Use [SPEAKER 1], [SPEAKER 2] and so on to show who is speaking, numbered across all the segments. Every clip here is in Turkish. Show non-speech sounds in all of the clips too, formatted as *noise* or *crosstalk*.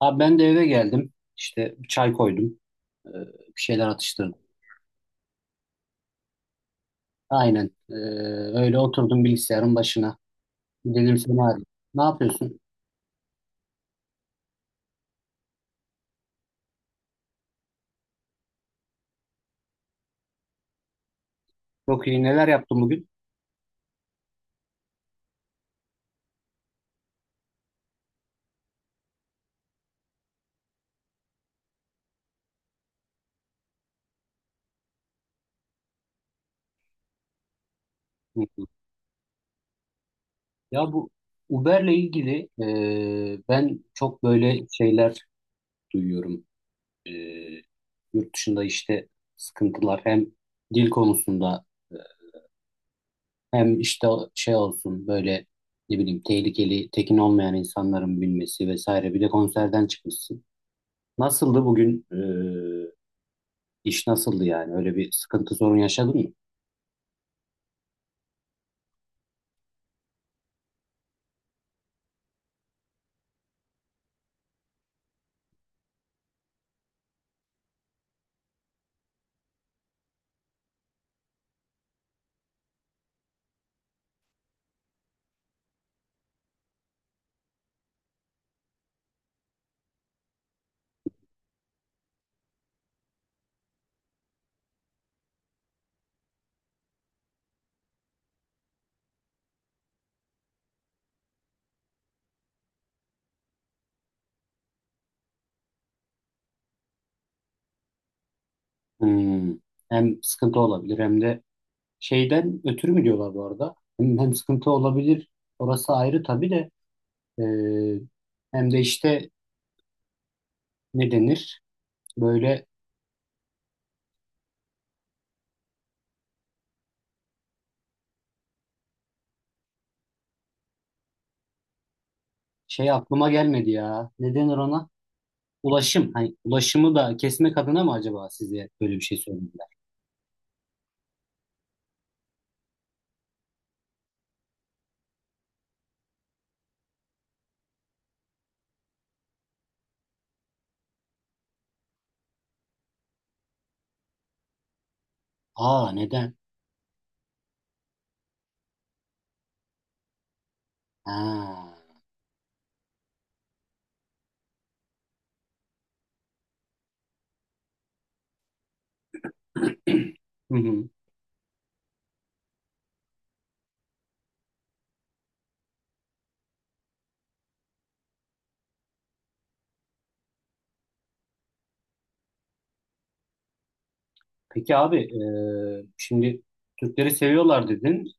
[SPEAKER 1] Abi ben de eve geldim. İşte bir çay koydum. Ee, Bir şeyler atıştırdım. Aynen. Öyle oturdum bilgisayarın başına. Dedim seni arayayım. Ne yapıyorsun? Çok iyi. Neler yaptın bugün? Hı hı. Ya bu Uber'le ilgili ben çok böyle şeyler duyuyorum. Ee, Yurt dışında işte sıkıntılar hem dil konusunda e, hem işte şey olsun böyle ne bileyim tehlikeli tekin olmayan insanların bilmesi vesaire. Bir de konserden çıkmışsın. Nasıldı bugün? İş nasıldı yani? Öyle bir sıkıntı sorun yaşadın mı? Hmm. Hem sıkıntı olabilir hem de şeyden ötürü mü diyorlar bu arada? Hem sıkıntı olabilir. Orası ayrı tabii de. ee, Hem de işte ne denir? Böyle şey aklıma gelmedi ya. Ne denir ona? Ulaşım. Hani ulaşımı da kesmek adına mı acaba size böyle bir şey söylediler? Aa, neden? Ha. *clears throat* Hı hı. Peki abi, şimdi Türkleri seviyorlar dedin.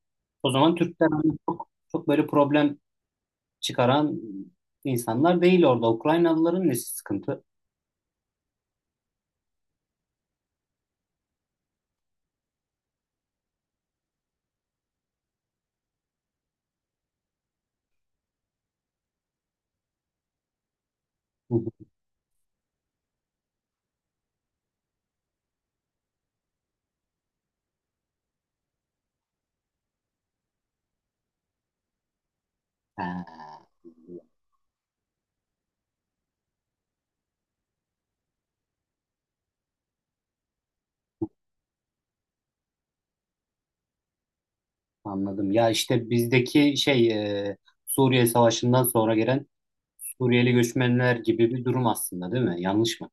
[SPEAKER 1] O zaman Türkler hani çok, çok böyle problem çıkaran insanlar değil orada. Ukraynalıların nesi sıkıntı? Hı hı. Ha, anladım. Ya işte bizdeki şey, e, Suriye Savaşı'ndan sonra gelen Suriyeli göçmenler gibi bir durum aslında değil mi? Yanlış mı?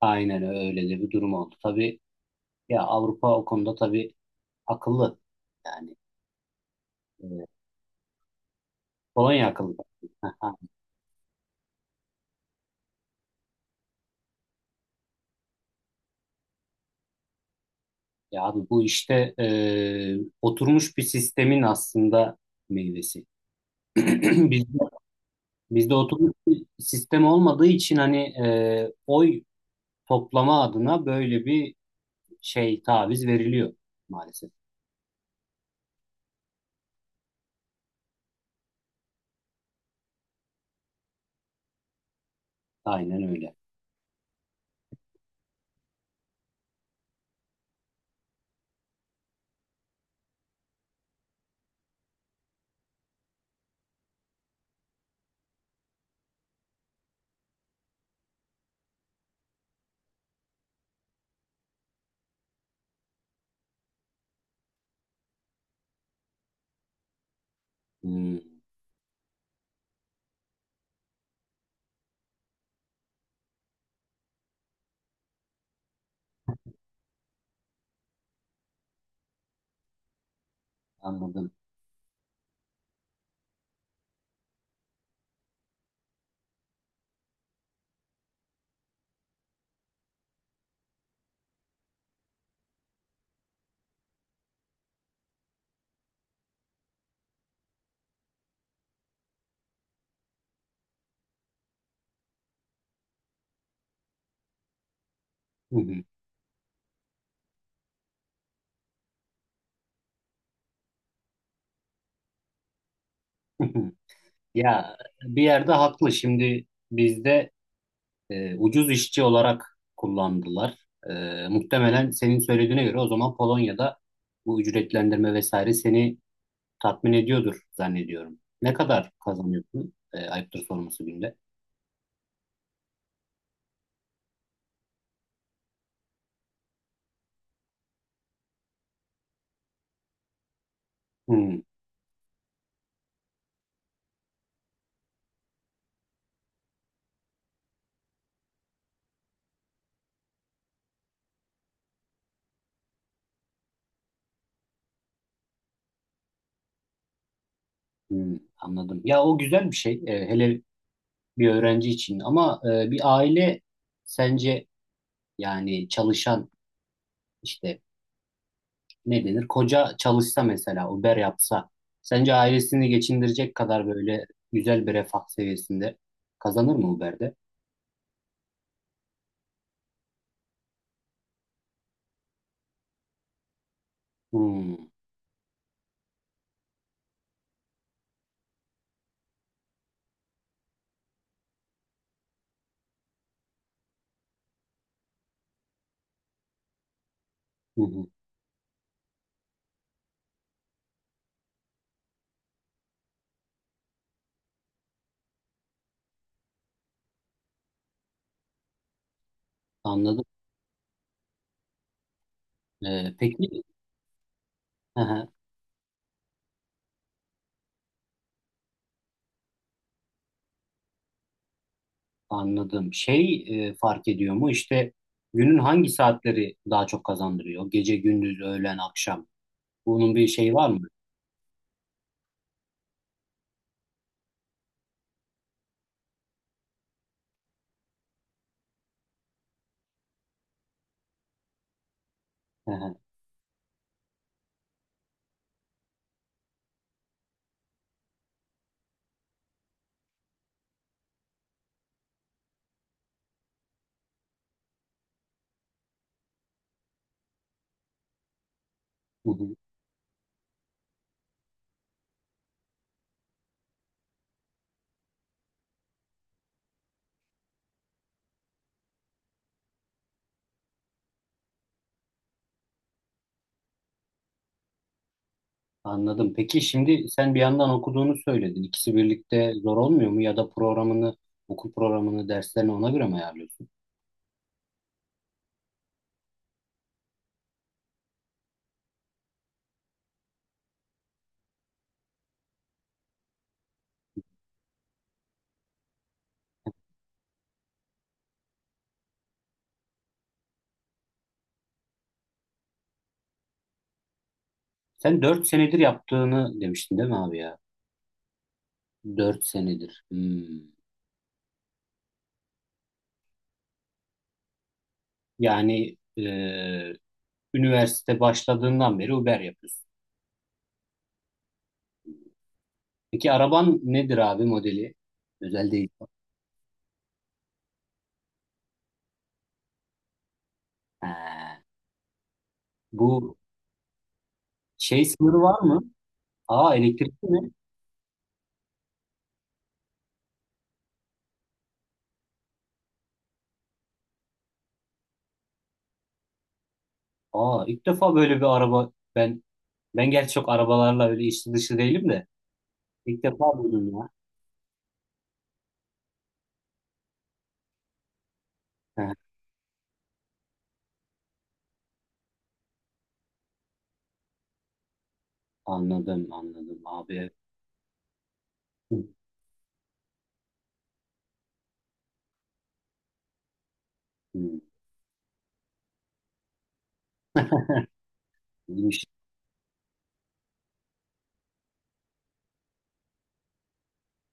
[SPEAKER 1] Aynen öyle de bir durum oldu. Tabii ya, Avrupa o konuda tabii akıllı. Yani, e, Polonya akıllı. *laughs* Ya abi bu işte oturmuş bir sistemin aslında meyvesi. *clears throat* Bizde, bizde oturmuş bir sistem olmadığı için hani, oy toplama adına böyle bir şey taviz veriliyor maalesef. Aynen öyle. Hmm, anladım. Hı hı. *laughs* Ya bir yerde haklı. Şimdi bizde ucuz işçi olarak kullandılar. Muhtemelen senin söylediğine göre o zaman Polonya'da bu ücretlendirme vesaire seni tatmin ediyordur zannediyorum. Ne kadar kazanıyorsun? Ayıptır sorması günde. Hmm, hmm, anladım. Ya o güzel bir şey. Hele bir öğrenci için ama bir aile sence yani çalışan işte ne denir? Koca çalışsa mesela Uber yapsa sence ailesini geçindirecek kadar böyle güzel bir refah seviyesinde kazanır mı Uber'de? Hmm, hı hı, anladım. Peki. *laughs* Anladım. Şey, fark ediyor mu? İşte günün hangi saatleri daha çok kazandırıyor? Gece, gündüz, öğlen, akşam. Bunun bir şeyi var mı? Hı hı, hı hı. Anladım. Peki şimdi sen bir yandan okuduğunu söyledin. İkisi birlikte zor olmuyor mu? Ya da programını, okul programını, derslerini ona göre mi ayarlıyorsun? Sen 4 senedir yaptığını demiştin değil mi abi ya? 4 senedir. Hmm. Yani, üniversite başladığından beri Uber yapıyorsun. Peki araban nedir abi, modeli? Özel değil. He. Bu şey sınırı var mı? Aa, elektrikli mi? Aa, ilk defa böyle bir araba. Ben gerçi çok arabalarla öyle içli dışı değilim de. İlk defa duydum ya. He, anladım anladım abi. Hı, hı, iyiymiş.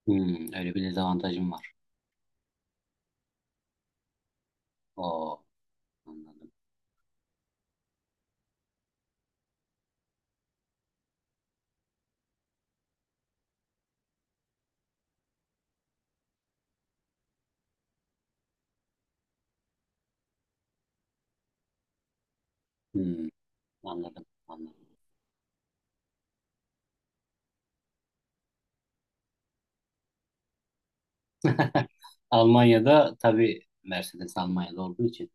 [SPEAKER 1] Hı, öyle bir dezavantajım var. Oo, anladım. Hı, anladım anladım. *laughs* Almanya'da tabii Mercedes Almanya'da olduğu için.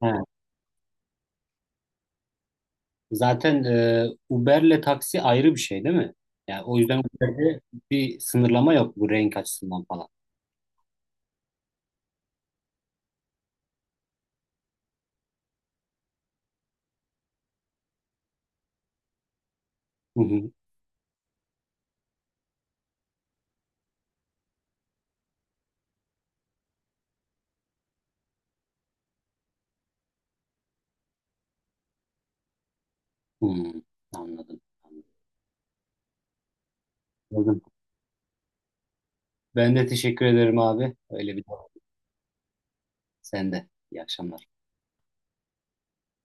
[SPEAKER 1] He. Zaten, Uber'le taksi ayrı bir şey değil mi? Yani o yüzden Uber'de bir sınırlama yok bu renk açısından falan. Hı hı. Hmm, anladım. Anladım. Ben de teşekkür ederim abi. Öyle bir, sen de. İyi akşamlar.